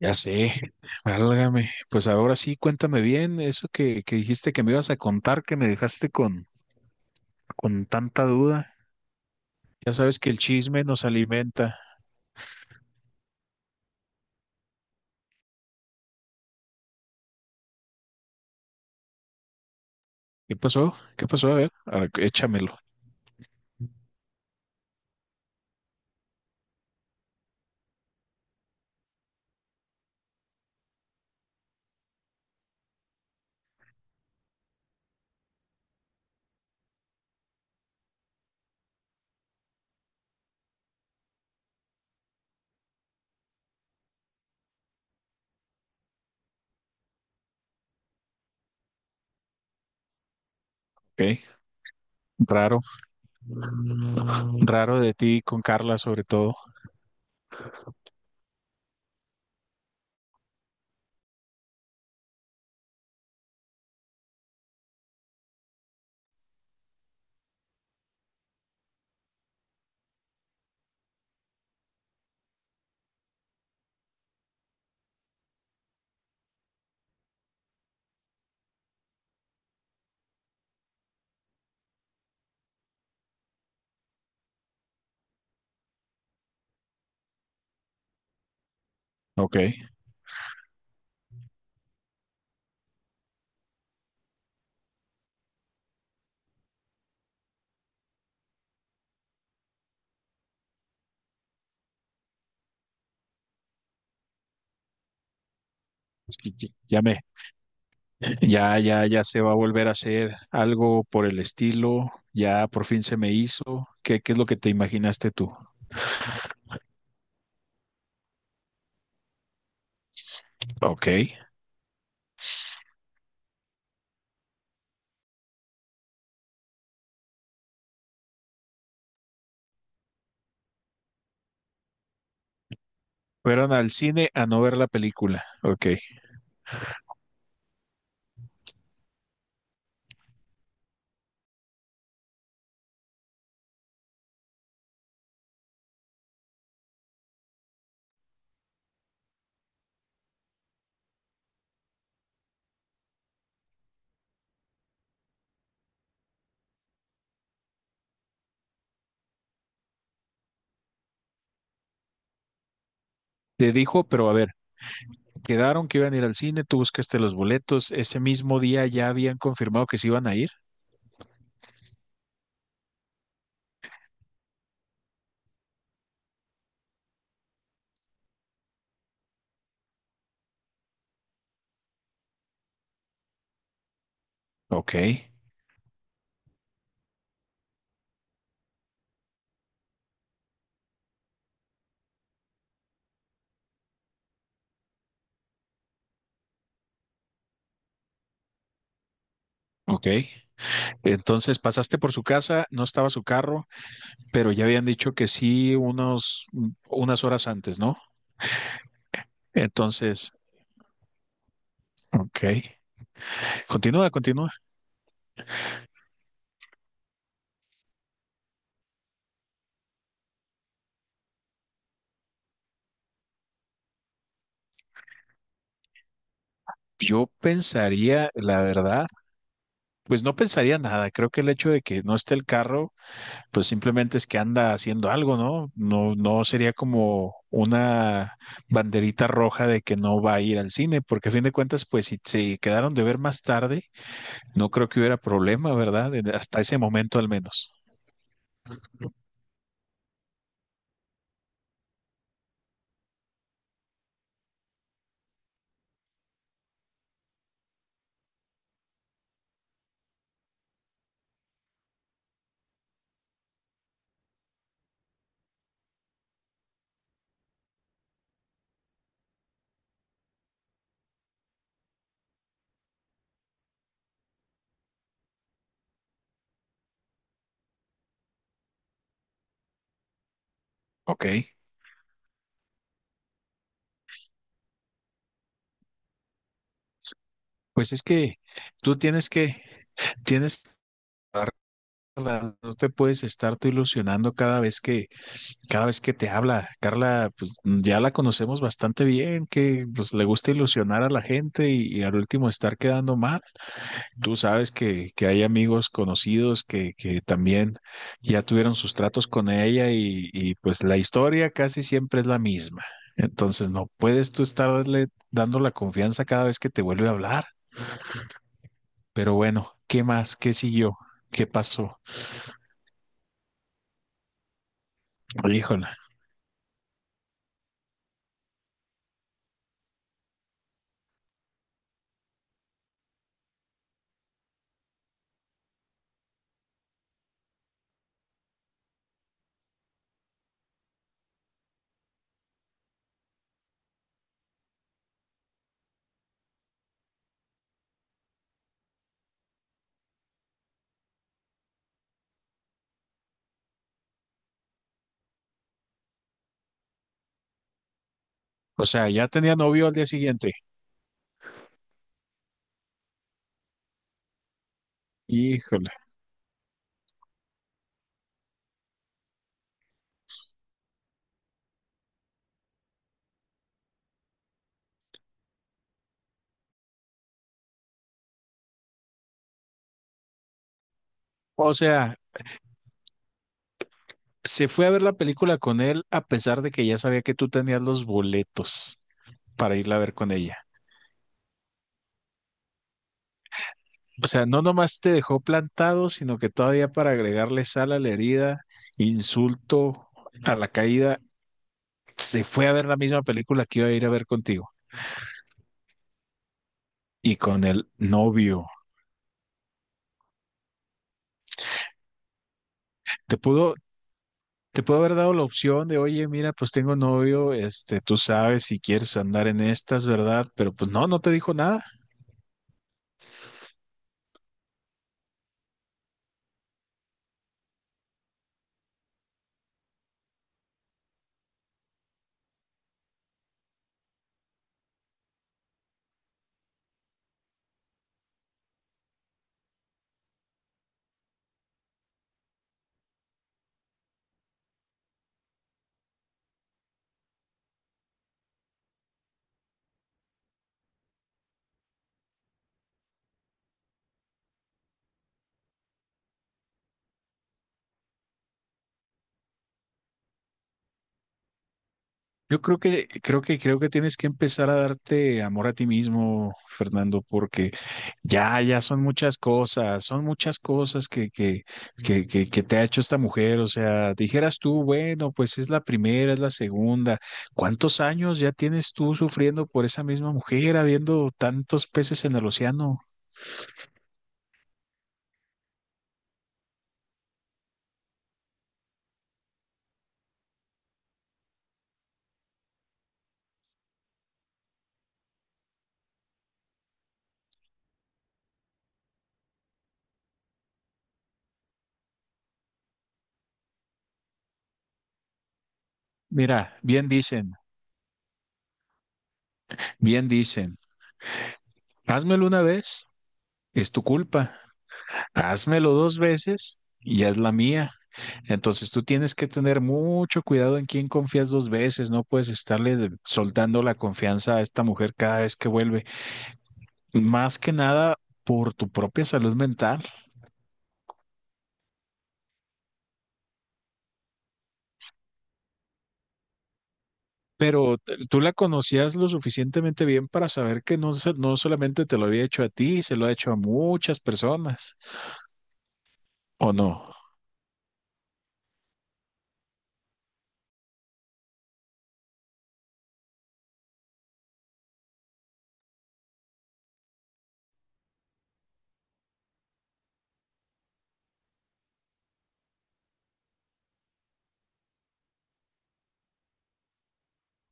Ya sé, válgame. Pues ahora sí, cuéntame bien eso que dijiste que me ibas a contar, que me dejaste con tanta duda. Ya sabes que el chisme nos alimenta. ¿Qué pasó? ¿Qué pasó? A ver, échamelo. Ok, raro. Raro de ti con Carla sobre todo. Ok, ya me, ya, ya, ya se va a volver a hacer algo por el estilo. Ya por fin se me hizo. ¿Qué, qué es lo que te imaginaste tú? Ok. Fueron al cine a no ver la película. Ok. Te dijo, pero a ver, quedaron que iban a ir al cine, tú buscaste los boletos, ese mismo día ya habían confirmado que se iban a ir. Ok, ok. Entonces pasaste por su casa, no estaba su carro, pero ya habían dicho que sí unos, unas horas antes, ¿no? Entonces, ok. Continúa, continúa. Yo pensaría, la verdad, pues no pensaría nada. Creo que el hecho de que no esté el carro pues simplemente es que anda haciendo algo, ¿no? No, no sería como una banderita roja de que no va a ir al cine, porque a fin de cuentas, pues si se quedaron de ver más tarde, no creo que hubiera problema, ¿verdad? Hasta ese momento al menos. Ok. Pues es que tú tienes tienes que darla, no te puedes estar tú ilusionando cada vez cada vez que te habla. Carla, pues ya la conocemos bastante bien, que pues le gusta ilusionar a la gente y al último estar quedando mal. Tú sabes que hay amigos conocidos que también ya tuvieron sus tratos con ella y pues la historia casi siempre es la misma. Entonces no puedes tú estarle dando la confianza cada vez que te vuelve a hablar. Pero bueno, ¿qué más? ¿Qué siguió? ¿Qué pasó? Híjole. O sea, ya tenía novio al día siguiente. Híjole. O sea, se fue a ver la película con él a pesar de que ya sabía que tú tenías los boletos para irla a ver con ella. O sea, no nomás te dejó plantado, sino que todavía para agregarle sal a la herida, insulto a la caída, se fue a ver la misma película que iba a ir a ver contigo y con el novio. Te pudo, te pudo haber dado la opción de, oye, mira, pues tengo novio, este, tú sabes si quieres andar en estas, ¿verdad? Pero pues no, no te dijo nada. Yo creo creo creo que tienes que empezar a darte amor a ti mismo, Fernando, porque ya, ya son muchas cosas que te ha hecho esta mujer. O sea, dijeras tú, bueno, pues es la primera, es la segunda. ¿Cuántos años ya tienes tú sufriendo por esa misma mujer, habiendo tantos peces en el océano? Mira, bien dicen, házmelo una vez, es tu culpa. Házmelo dos veces, y ya es la mía. Entonces tú tienes que tener mucho cuidado en quién confías dos veces, no puedes estarle soltando la confianza a esta mujer cada vez que vuelve, más que nada por tu propia salud mental, pero tú la conocías lo suficientemente bien para saber que no, no solamente te lo había hecho a ti, se lo ha hecho a muchas personas, ¿o no?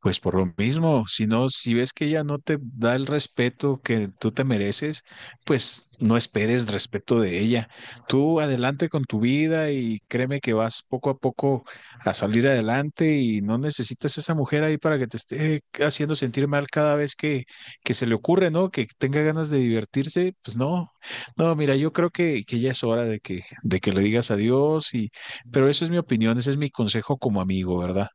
Pues por lo mismo, si no, si ves que ella no te da el respeto que tú te mereces, pues no esperes respeto de ella. Tú adelante con tu vida y créeme que vas poco a poco a salir adelante y no necesitas esa mujer ahí para que te esté haciendo sentir mal cada vez que se le ocurre, ¿no? Que tenga ganas de divertirse, pues no. No, mira, yo creo que ya es hora de de que le digas adiós y, pero eso es mi opinión, ese es mi consejo como amigo, ¿verdad?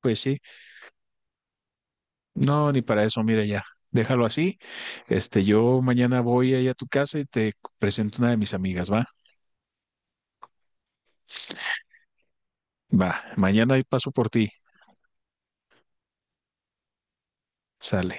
Pues sí. No, ni para eso, mira ya, déjalo así. Este, yo mañana voy ahí a tu casa y te presento una de mis amigas, ¿va? Va, mañana ahí paso por ti. Sale.